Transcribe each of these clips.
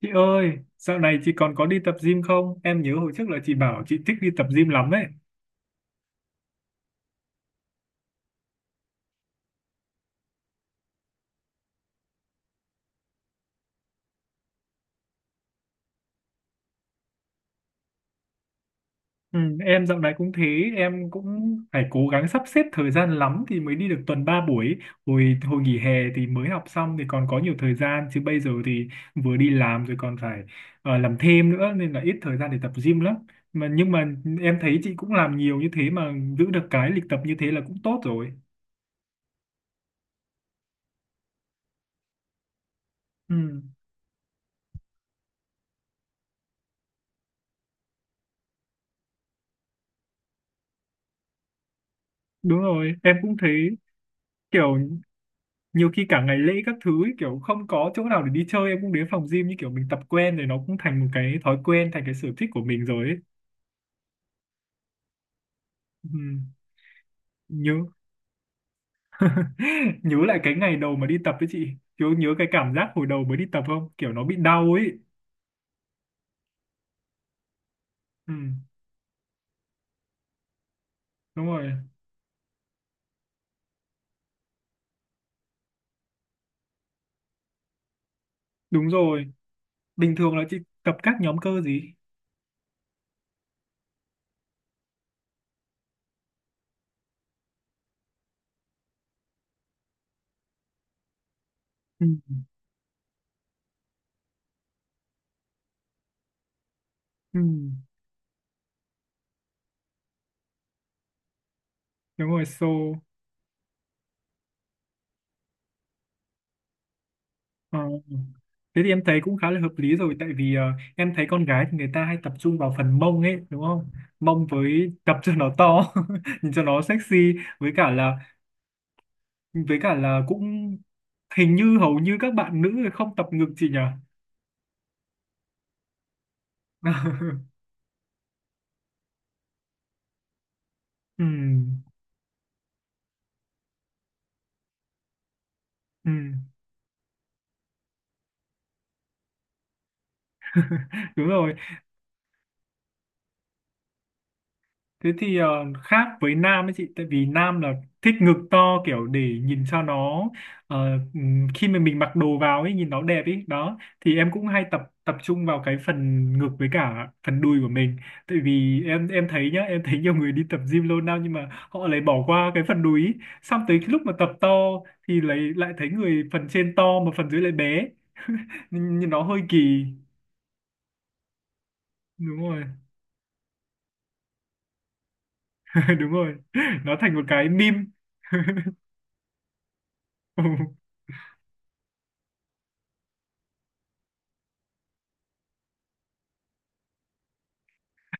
Chị ơi, dạo này chị còn có đi tập gym không? Em nhớ hồi trước là chị bảo chị thích đi tập gym lắm ấy. Ừ, em dạo này cũng thế, em cũng phải cố gắng sắp xếp thời gian lắm thì mới đi được tuần 3 buổi. Hồi hồi nghỉ hè thì mới học xong thì còn có nhiều thời gian chứ bây giờ thì vừa đi làm rồi còn phải làm thêm nữa nên là ít thời gian để tập gym lắm. Mà nhưng mà em thấy chị cũng làm nhiều như thế mà giữ được cái lịch tập như thế là cũng tốt rồi. Ừ, đúng rồi, em cũng thấy kiểu nhiều khi cả ngày lễ các thứ ấy, kiểu không có chỗ nào để đi chơi em cũng đến phòng gym như kiểu mình tập quen rồi nó cũng thành một cái thói quen thành cái sở thích của mình rồi ấy. Ừ, nhớ nhớ lại cái ngày đầu mà đi tập với chị kiểu nhớ cái cảm giác hồi đầu mới đi tập không kiểu nó bị đau ấy. Ừ, đúng rồi. Đúng rồi, bình thường là chị tập các nhóm cơ gì? Ừ, ừ, đúng rồi so. Ờ, thế thì em thấy cũng khá là hợp lý rồi tại vì em thấy con gái thì người ta hay tập trung vào phần mông ấy đúng không? Mông với tập cho nó to, nhìn cho nó sexy, với cả là cũng hình như hầu như các bạn nữ không tập ngực chị nhỉ? Ừm, ừm, Đúng rồi. Thế thì khác với nam ấy chị tại vì nam là thích ngực to kiểu để nhìn cho nó khi mà mình mặc đồ vào ấy nhìn nó đẹp ấy đó thì em cũng hay tập tập trung vào cái phần ngực với cả phần đùi của mình tại vì em thấy nhá em thấy nhiều người đi tập gym lâu năm nhưng mà họ lại bỏ qua cái phần đùi ý. Xong tới cái lúc mà tập to thì lại lại thấy người phần trên to mà phần dưới lại bé, nhìn nhìn nó hơi kỳ. Đúng rồi. Đúng rồi, nó thành một cái meme. Ừ.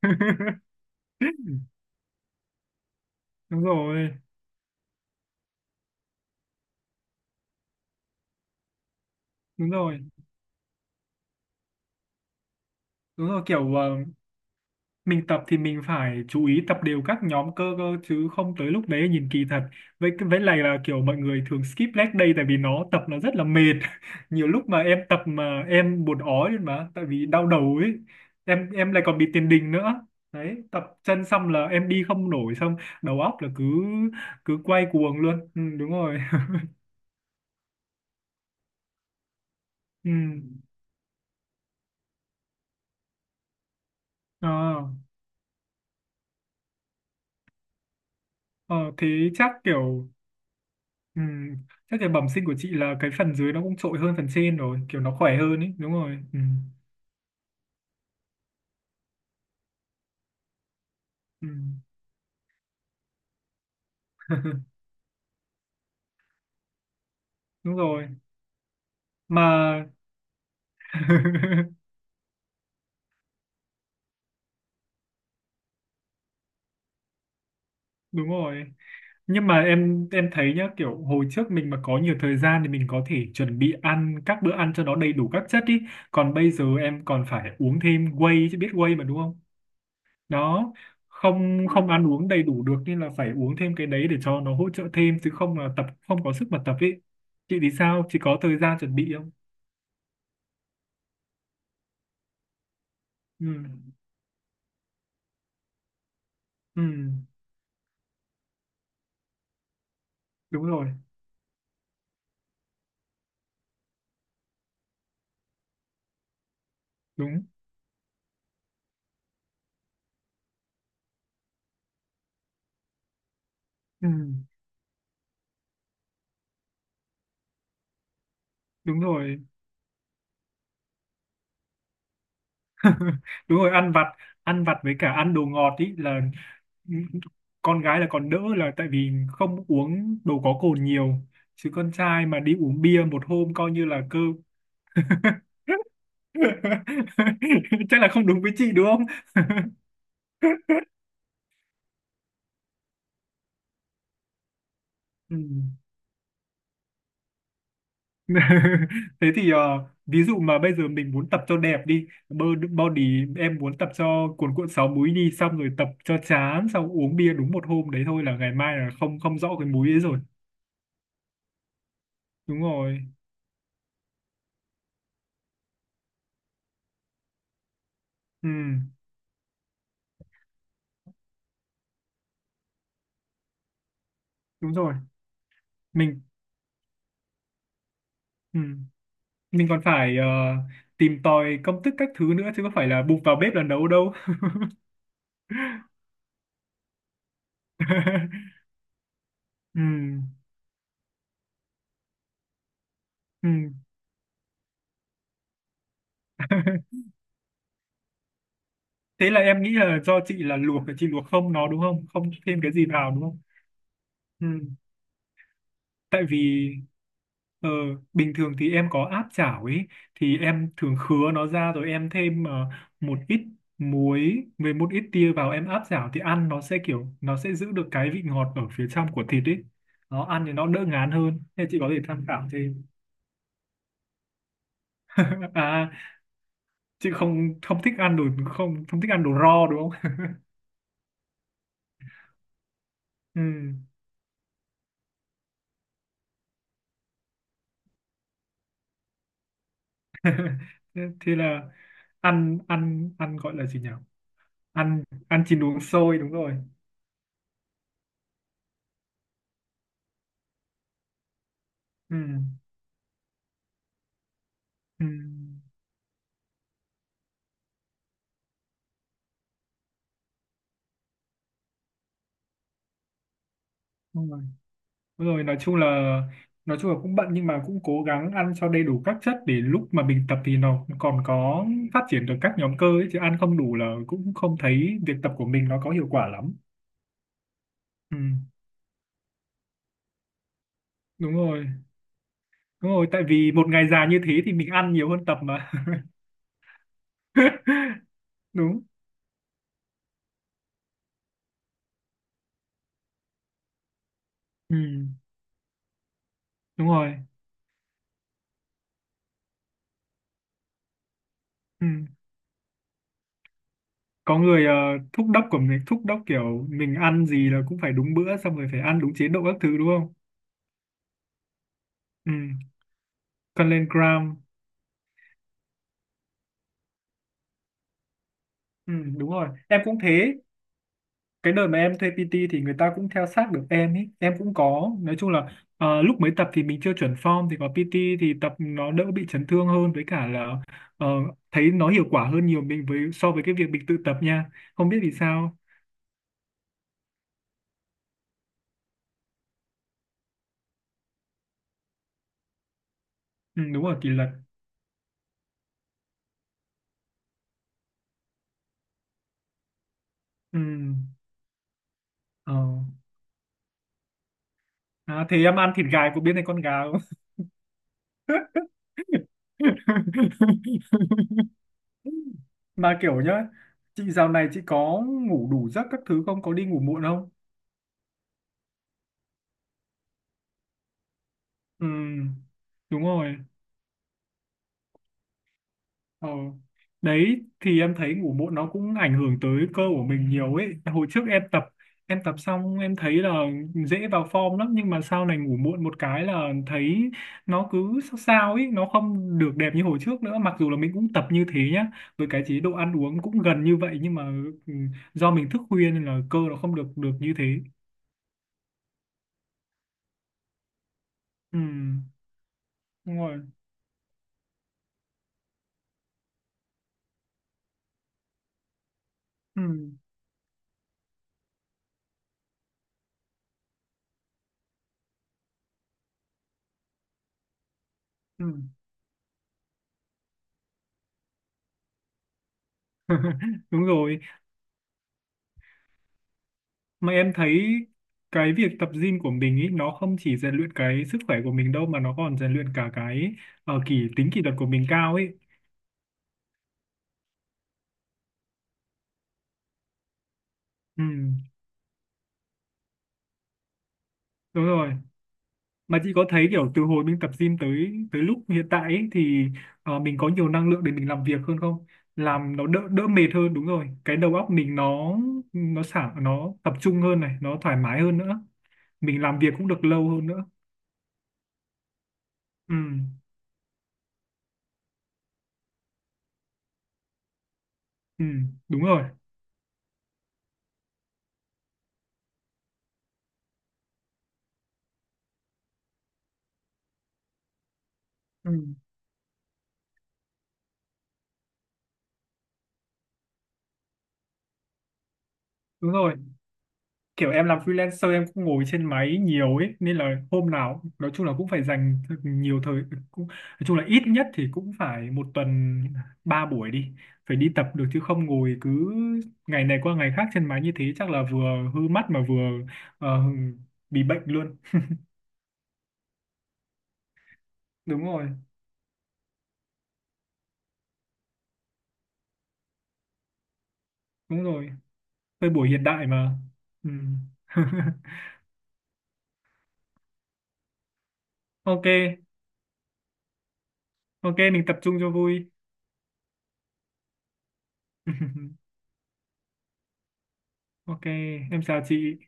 Đúng rồi, đúng rồi, đúng rồi, kiểu mình tập thì mình phải chú ý tập đều các nhóm cơ cơ chứ không tới lúc đấy nhìn kỳ thật. Với lại là kiểu mọi người thường skip leg day tại vì nó tập nó rất là mệt. Nhiều lúc mà em tập mà em buồn ói lên mà tại vì đau đầu ấy, em lại còn bị tiền đình nữa. Đấy, tập chân xong là em đi không nổi xong đầu óc là cứ cứ quay cuồng luôn. Ừ, đúng rồi. Ừ. Ờ, ờ, thế chắc kiểu. Ừ. Chắc là bẩm sinh của chị là cái phần dưới nó cũng trội hơn phần trên rồi kiểu nó khỏe hơn ấy, đúng rồi ừ. Ừ. Đúng rồi mà. Đúng rồi, nhưng mà em thấy nhá kiểu hồi trước mình mà có nhiều thời gian thì mình có thể chuẩn bị ăn các bữa ăn cho nó đầy đủ các chất ý, còn bây giờ em còn phải uống thêm whey, chứ biết whey mà đúng không? Đó, không, không ăn uống đầy đủ được nên là phải uống thêm cái đấy để cho nó hỗ trợ thêm chứ không là tập không có sức mà tập ý. Chị thì sao, chị có thời gian chuẩn bị không? Ừ, ừ, đúng rồi. Đúng. Ừ, đúng rồi. Đúng rồi, ăn vặt, ăn vặt với cả ăn đồ ngọt ý là. Ừ, con gái là còn đỡ là tại vì không uống đồ có cồn nhiều, chứ con trai mà đi uống bia một hôm coi như là cơ. Chắc là không đúng với chị đúng không? Ừ. Thế thì ví dụ mà bây giờ mình muốn tập cho đẹp đi bơ- body, em muốn tập cho cuồn cuộn sáu múi đi xong rồi tập cho chán xong uống bia đúng một hôm đấy thôi là ngày mai là không, không rõ cái múi ấy rồi. Đúng rồi. Ừ, đúng rồi. Mình. Ừ. Mình còn phải tìm tòi công thức các thứ nữa chứ có phải là bụp vào bếp là nấu đâu. Ừ. Ừ. Thế là em nghĩ là do chị là luộc, chị luộc không nó đúng không, không thêm cái gì vào đúng không? Ừ. Tại vì. Ờ, bình thường thì em có áp chảo ấy, thì em thường khứa nó ra rồi em thêm một ít muối với một ít tiêu vào em áp chảo thì ăn nó sẽ kiểu nó sẽ giữ được cái vị ngọt ở phía trong của thịt ấy, nó ăn thì nó đỡ ngán hơn nên chị có thể tham khảo thêm. À, chị không, không thích ăn đồ, không không thích ăn đồ raw đúng không? Ừ. Thế thế là ăn, ăn, ăn gọi là gì nhỉ, ăn, ăn chín uống sôi đúng rồi. Ừ. Ừ. Đúng rồi. Đúng rồi, nói chung là cũng bận nhưng mà cũng cố gắng ăn cho đầy đủ các chất để lúc mà mình tập thì nó còn có phát triển được các nhóm cơ ấy, chứ ăn không đủ là cũng không thấy việc tập của mình nó có hiệu quả lắm. Ừ, đúng rồi. Đúng rồi, tại vì một ngày dài như thế thì mình ăn nhiều hơn tập mà. Đúng. Ừ, đúng rồi. Ừ. Có người thúc đốc của mình, thúc đốc kiểu mình ăn gì là cũng phải đúng bữa xong rồi phải ăn đúng chế độ các thứ đúng không? Ừ. Cân lên gram. Ừ, đúng rồi, em cũng thế. Cái đợt mà em thuê PT thì người ta cũng theo sát được em ý, em cũng có nói chung là lúc mới tập thì mình chưa chuẩn form thì có PT thì tập nó đỡ bị chấn thương hơn với cả là ờ, thấy nó hiệu quả hơn nhiều mình với so với cái việc mình tự tập nha. Không biết vì sao. Ừ, đúng rồi, kỷ luật. Ừ. Ờ. À, thế em ăn thịt gà có biết này con gà không? Mà kiểu nhá chị dạo này chị có ngủ đủ giấc các thứ không, có đi ngủ muộn không? Ừ, đúng rồi. Ờ. Đấy thì em thấy ngủ muộn nó cũng ảnh hưởng tới cơ của mình nhiều ấy. Hồi trước em tập, em tập xong em thấy là dễ vào form lắm nhưng mà sau này ngủ muộn một cái là thấy nó cứ sao sao ấy, nó không được đẹp như hồi trước nữa mặc dù là mình cũng tập như thế nhá. Với cái chế độ ăn uống cũng gần như vậy nhưng mà ừ, do mình thức khuya nên là cơ nó không được được như thế. Ừ, đúng rồi. Ừ, ừ. Đúng rồi. Mà em thấy cái việc tập gym của mình ý, nó không chỉ rèn luyện cái sức khỏe của mình đâu mà nó còn rèn luyện cả cái kỷ tính kỷ luật của mình cao ấy. Ừ, đúng rồi. Mà chị có thấy kiểu từ hồi mình tập gym tới tới lúc hiện tại ấy, thì mình có nhiều năng lượng để mình làm việc hơn không, làm nó đỡ đỡ mệt hơn đúng rồi, cái đầu óc mình nó sảng nó tập trung hơn này nó thoải mái hơn nữa, mình làm việc cũng được lâu hơn nữa. Ừ, ừ, đúng rồi. Ừ, đúng rồi, kiểu em làm freelancer em cũng ngồi trên máy nhiều ấy nên là hôm nào nói chung là cũng phải dành thật nhiều thời, cũng nói chung là ít nhất thì cũng phải một tuần ba buổi đi, phải đi tập được chứ không ngồi cứ ngày này qua ngày khác trên máy như thế chắc là vừa hư mắt mà vừa ờ, bị bệnh luôn. Đúng rồi. Đúng rồi, thời buổi hiện đại mà. Ừ. Ok. Ok, mình tập trung cho vui. Ok, em chào chị.